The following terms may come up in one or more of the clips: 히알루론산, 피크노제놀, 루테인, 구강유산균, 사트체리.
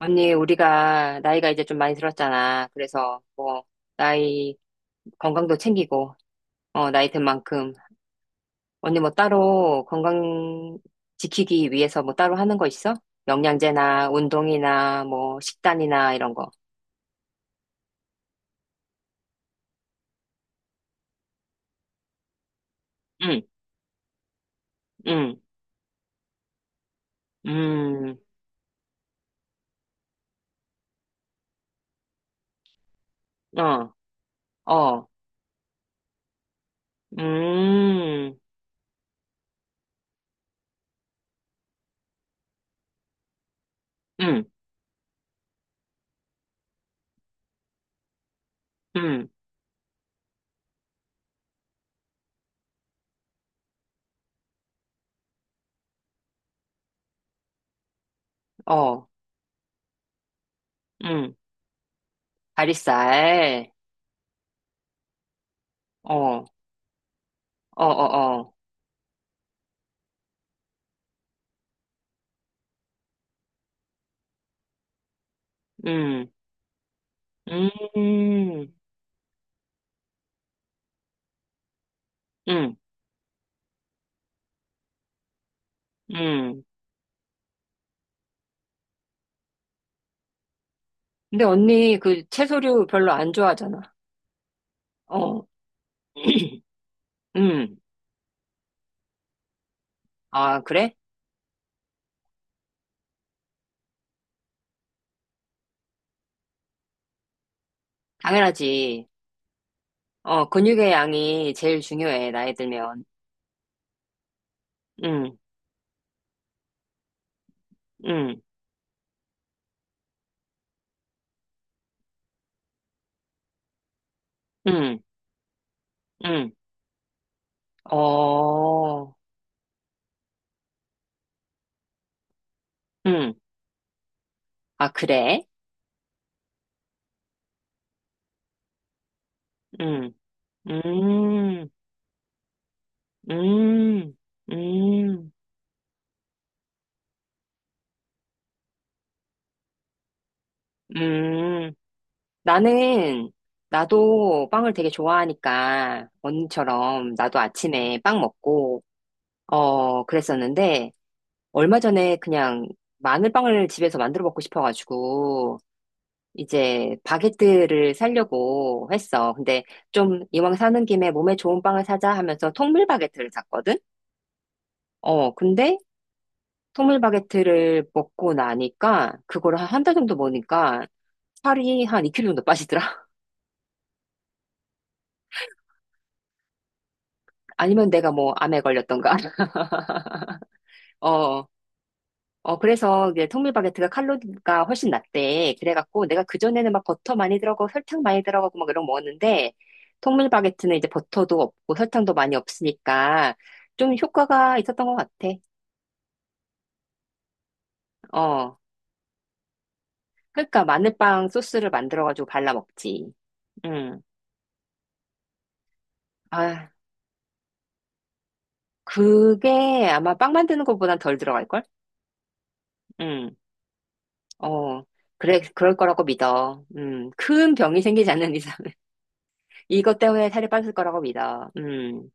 언니, 우리가 나이가 이제 좀 많이 들었잖아. 그래서 뭐, 나이, 건강도 챙기고, 나이 든 만큼. 언니 뭐 따로 건강 지키기 위해서 뭐 따로 하는 거 있어? 영양제나 운동이나 뭐 식단이나 이런 거. 응, 응, 음, 어, 어, 음, 응, 응, 어, 응, 다리살, 어, 어, 어, 어, 음, 음, 음, 음. 근데 언니 그 채소류 별로 안 좋아하잖아. 어, 음. 아, 그래? 당연하지. 어, 근육의 양이 제일 중요해, 나이 들면. 음, 음, 음, 음. 어, 음. 아, 그래? 음, 음, 음, 음, 음. 나는, 나도 빵을 되게 좋아하니까, 언니처럼 나도 아침에 빵 먹고, 그랬었는데, 얼마 전에 그냥 마늘빵을 집에서 만들어 먹고 싶어가지고 이제 바게트를 사려고 했어. 근데 좀 이왕 사는 김에 몸에 좋은 빵을 사자 하면서 통밀 바게트를 샀거든? 근데 통밀 바게트를 먹고 나니까 그걸 한 한 달 정도 먹으니까 살이 한 2kg 정도 빠지더라. 아니면 내가 뭐 암에 걸렸던가. 어, 어, 그래서 이 통밀바게트가 칼로리가 훨씬 낮대. 그래갖고 내가 그전에는 막 버터 많이 들어가고 설탕 많이 들어가고 막 이런 거 먹었는데 통밀바게트는 이제 버터도 없고 설탕도 많이 없으니까 좀 효과가 있었던 것 같아. 어. 그러니까 마늘빵 소스를 만들어가지고 발라 먹지. 음. 아, 그게 아마 빵 만드는 것보단 덜 들어갈걸? 음. 어. 그래, 그럴 거라고 믿어. 음. 큰 병이 생기지 않는 이상. 이것 때문에 살이 빠질 거라고 믿어. 음.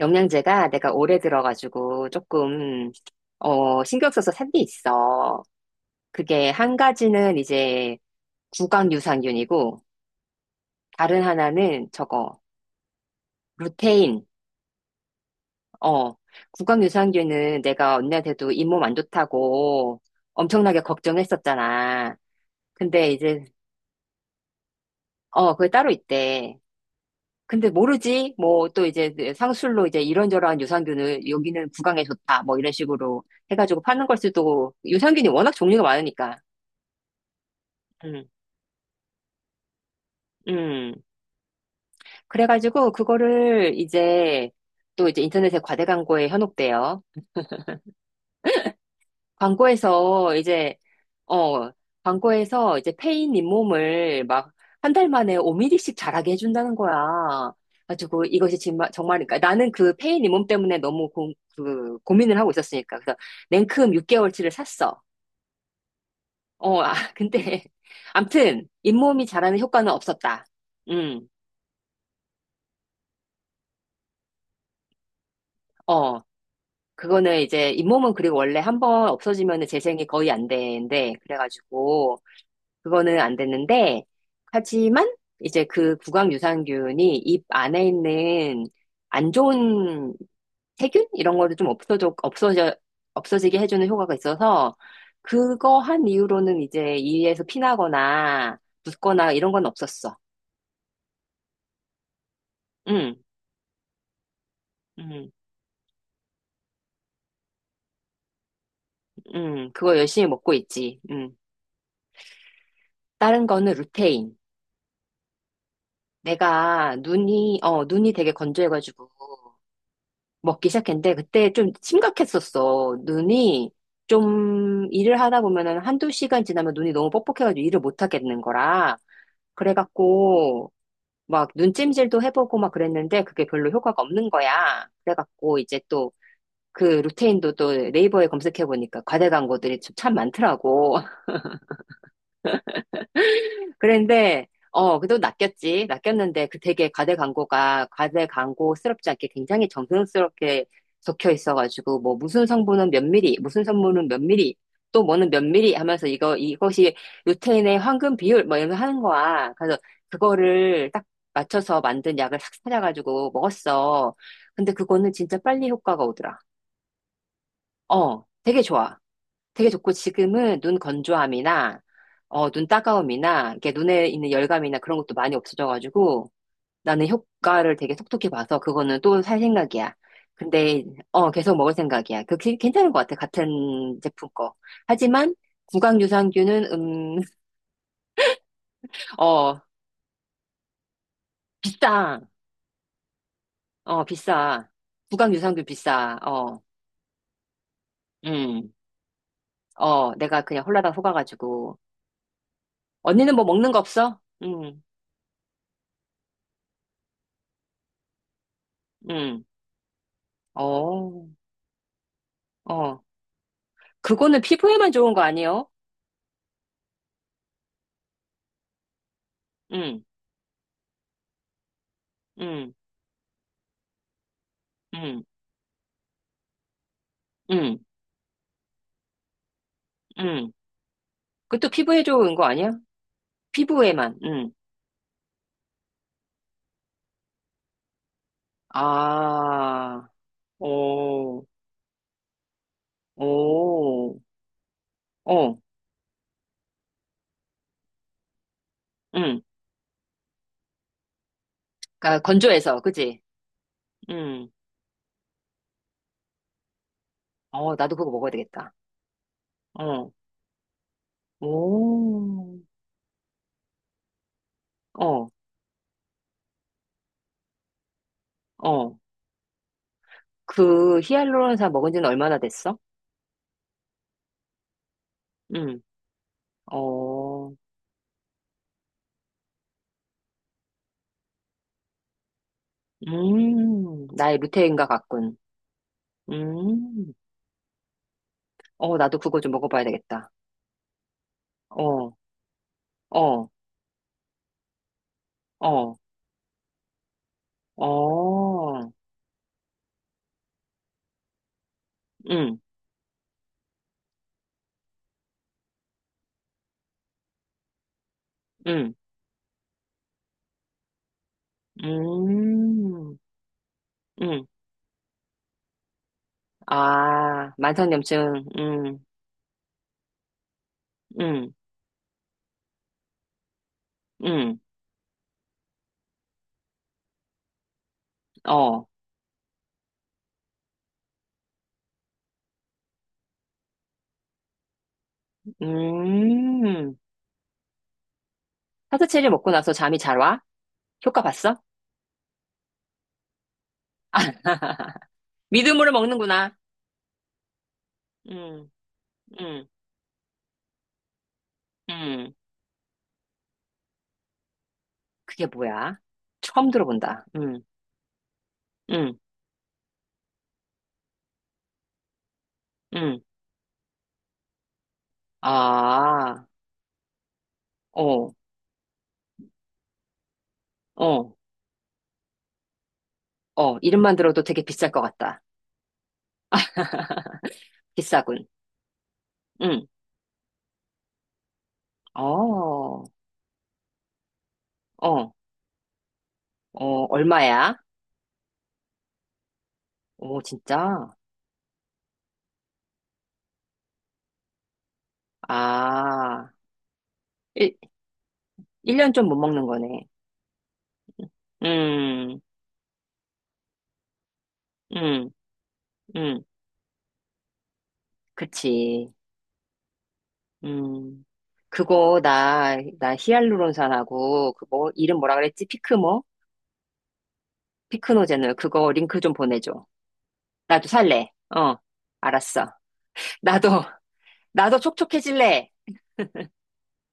영양제가 내가 오래 들어가지고 조금, 신경 써서 산 게 있어. 그게 한 가지는 이제 구강유산균이고, 다른 하나는 저거, 루테인. 어, 구강유산균은 내가 언니한테도 잇몸 안 좋다고 엄청나게 걱정했었잖아. 근데 이제, 그게 따로 있대. 근데 모르지? 뭐 또 이제 상술로 이제 이런저런 유산균을 여기는 구강에 좋다. 뭐 이런 식으로 해가지고 파는 걸 수도 유산균이 워낙 종류가 많으니까 음, 음. 그래가지고 그거를 이제 또 이제 인터넷에 과대 광고에 현혹돼요. 광고에서 이제 어 광고에서 이제 페인 잇몸을 막 한달 만에 5mm씩 자라게 해준다는 거야. 가지고 이것이 정말 정말 그러니까 나는 그 페인 잇몸 때문에 그 고민을 하고 있었으니까 그래서 냉큼 6개월치를 샀어. 어, 아, 근데 암튼 잇몸이 자라는 효과는 없었다. 음, 어. 그거는 이제 잇몸은 그리고 원래 한번 없어지면 재생이 거의 안 되는데, 그래가지고, 그거는 안 됐는데, 하지만 이제 그 구강 유산균이 입 안에 있는 안 좋은 세균? 이런 거를 좀 없어지게 해주는 효과가 있어서, 그거 한 이후로는 이제 이에서 피나거나, 붓거나 이런 건 없었어. 응, 응, 응. 그거 열심히 먹고 있지. 응. 다른 거는 루테인. 내가 눈이, 어, 눈이 되게 건조해가지고 먹기 시작했는데 그때 좀 심각했었어. 눈이 좀 일을 하다 보면은 한두 시간 지나면 눈이 너무 뻑뻑해가지고 일을 못 하겠는 거라. 그래갖고 막 눈찜질도 해보고 막 그랬는데 그게 별로 효과가 없는 거야. 그래갖고 이제 또 그 루테인도 또 네이버에 검색해보니까 과대 광고들이 참 많더라고. 그런데, 어, 그래도 낚였지. 낚였는데 그 되게 과대 광고가 과대 광고스럽지 않게 굉장히 정성스럽게 적혀 있어가지고, 뭐 무슨 성분은 몇 미리, 무슨 성분은 몇 미리, 또 뭐는 몇 미리 하면서 이거, 이것이 루테인의 황금 비율, 뭐 이러면서 하는 거야. 그래서 그거를 딱 맞춰서 만든 약을 싹 찾아가지고 먹었어. 근데 그거는 진짜 빨리 효과가 오더라. 어, 되게 좋아. 되게 좋고 지금은 눈 건조함이나 어, 눈 따가움이나 이렇게 눈에 있는 열감이나 그런 것도 많이 없어져가지고 나는 효과를 되게 톡톡히 봐서 그거는 또 살 생각이야. 근데 어, 계속 먹을 생각이야. 괜찮은 것 같아. 같은 제품 거. 하지만 구강유산균은 어, 비싸. 어, 비싸. 구강유산균 비싸. 어. 음. 어, 내가 그냥 홀라당 속아가지고 언니는 뭐 먹는 거 없어? 음. 음. 어. 어. 그거는 피부에만 좋은 거 아니에요? 응, 응, 응, 응, 응. 그것도 피부에 좋은 거 아니야? 피부에만, 응. 아, 오, 오, 어, 응. 그러니까 건조해서, 그지? 응. 어, 나도 그거 먹어야 되겠다. 어, 오, 어, 어. 그 히알루론산 먹은 지는 얼마나 됐어? 응, 어, 나의 루테인과 같군. 음, 어, 나도 그거 좀 먹어봐야 되겠다. 어. 어, 어, 어, 응, 응, 음, 응. 아, 만성염증, 응, 응, 응, 어, 음. 사트체리 먹고 나서 잠이 잘 와? 효과 봤어? 믿음으로 먹는구나. 응, 응, 응. 그게 뭐야? 처음 들어본다. 응, 응, 응. 아, 어, 어, 어. 이름만 들어도 되게 비쌀 것 같다. 비싸군. 응, 어. 어, 어, 얼마야? 오, 진짜? 아, 일 1년 좀 못 먹는 거네. 음, 음, 음, 그치. 음, 그거, 나, 나 히알루론산하고, 그 뭐, 이름 뭐라 그랬지? 피크모? 피크노제놀. 그거 링크 좀 보내줘. 나도 살래. 어, 알았어. 나도, 나도 촉촉해질래.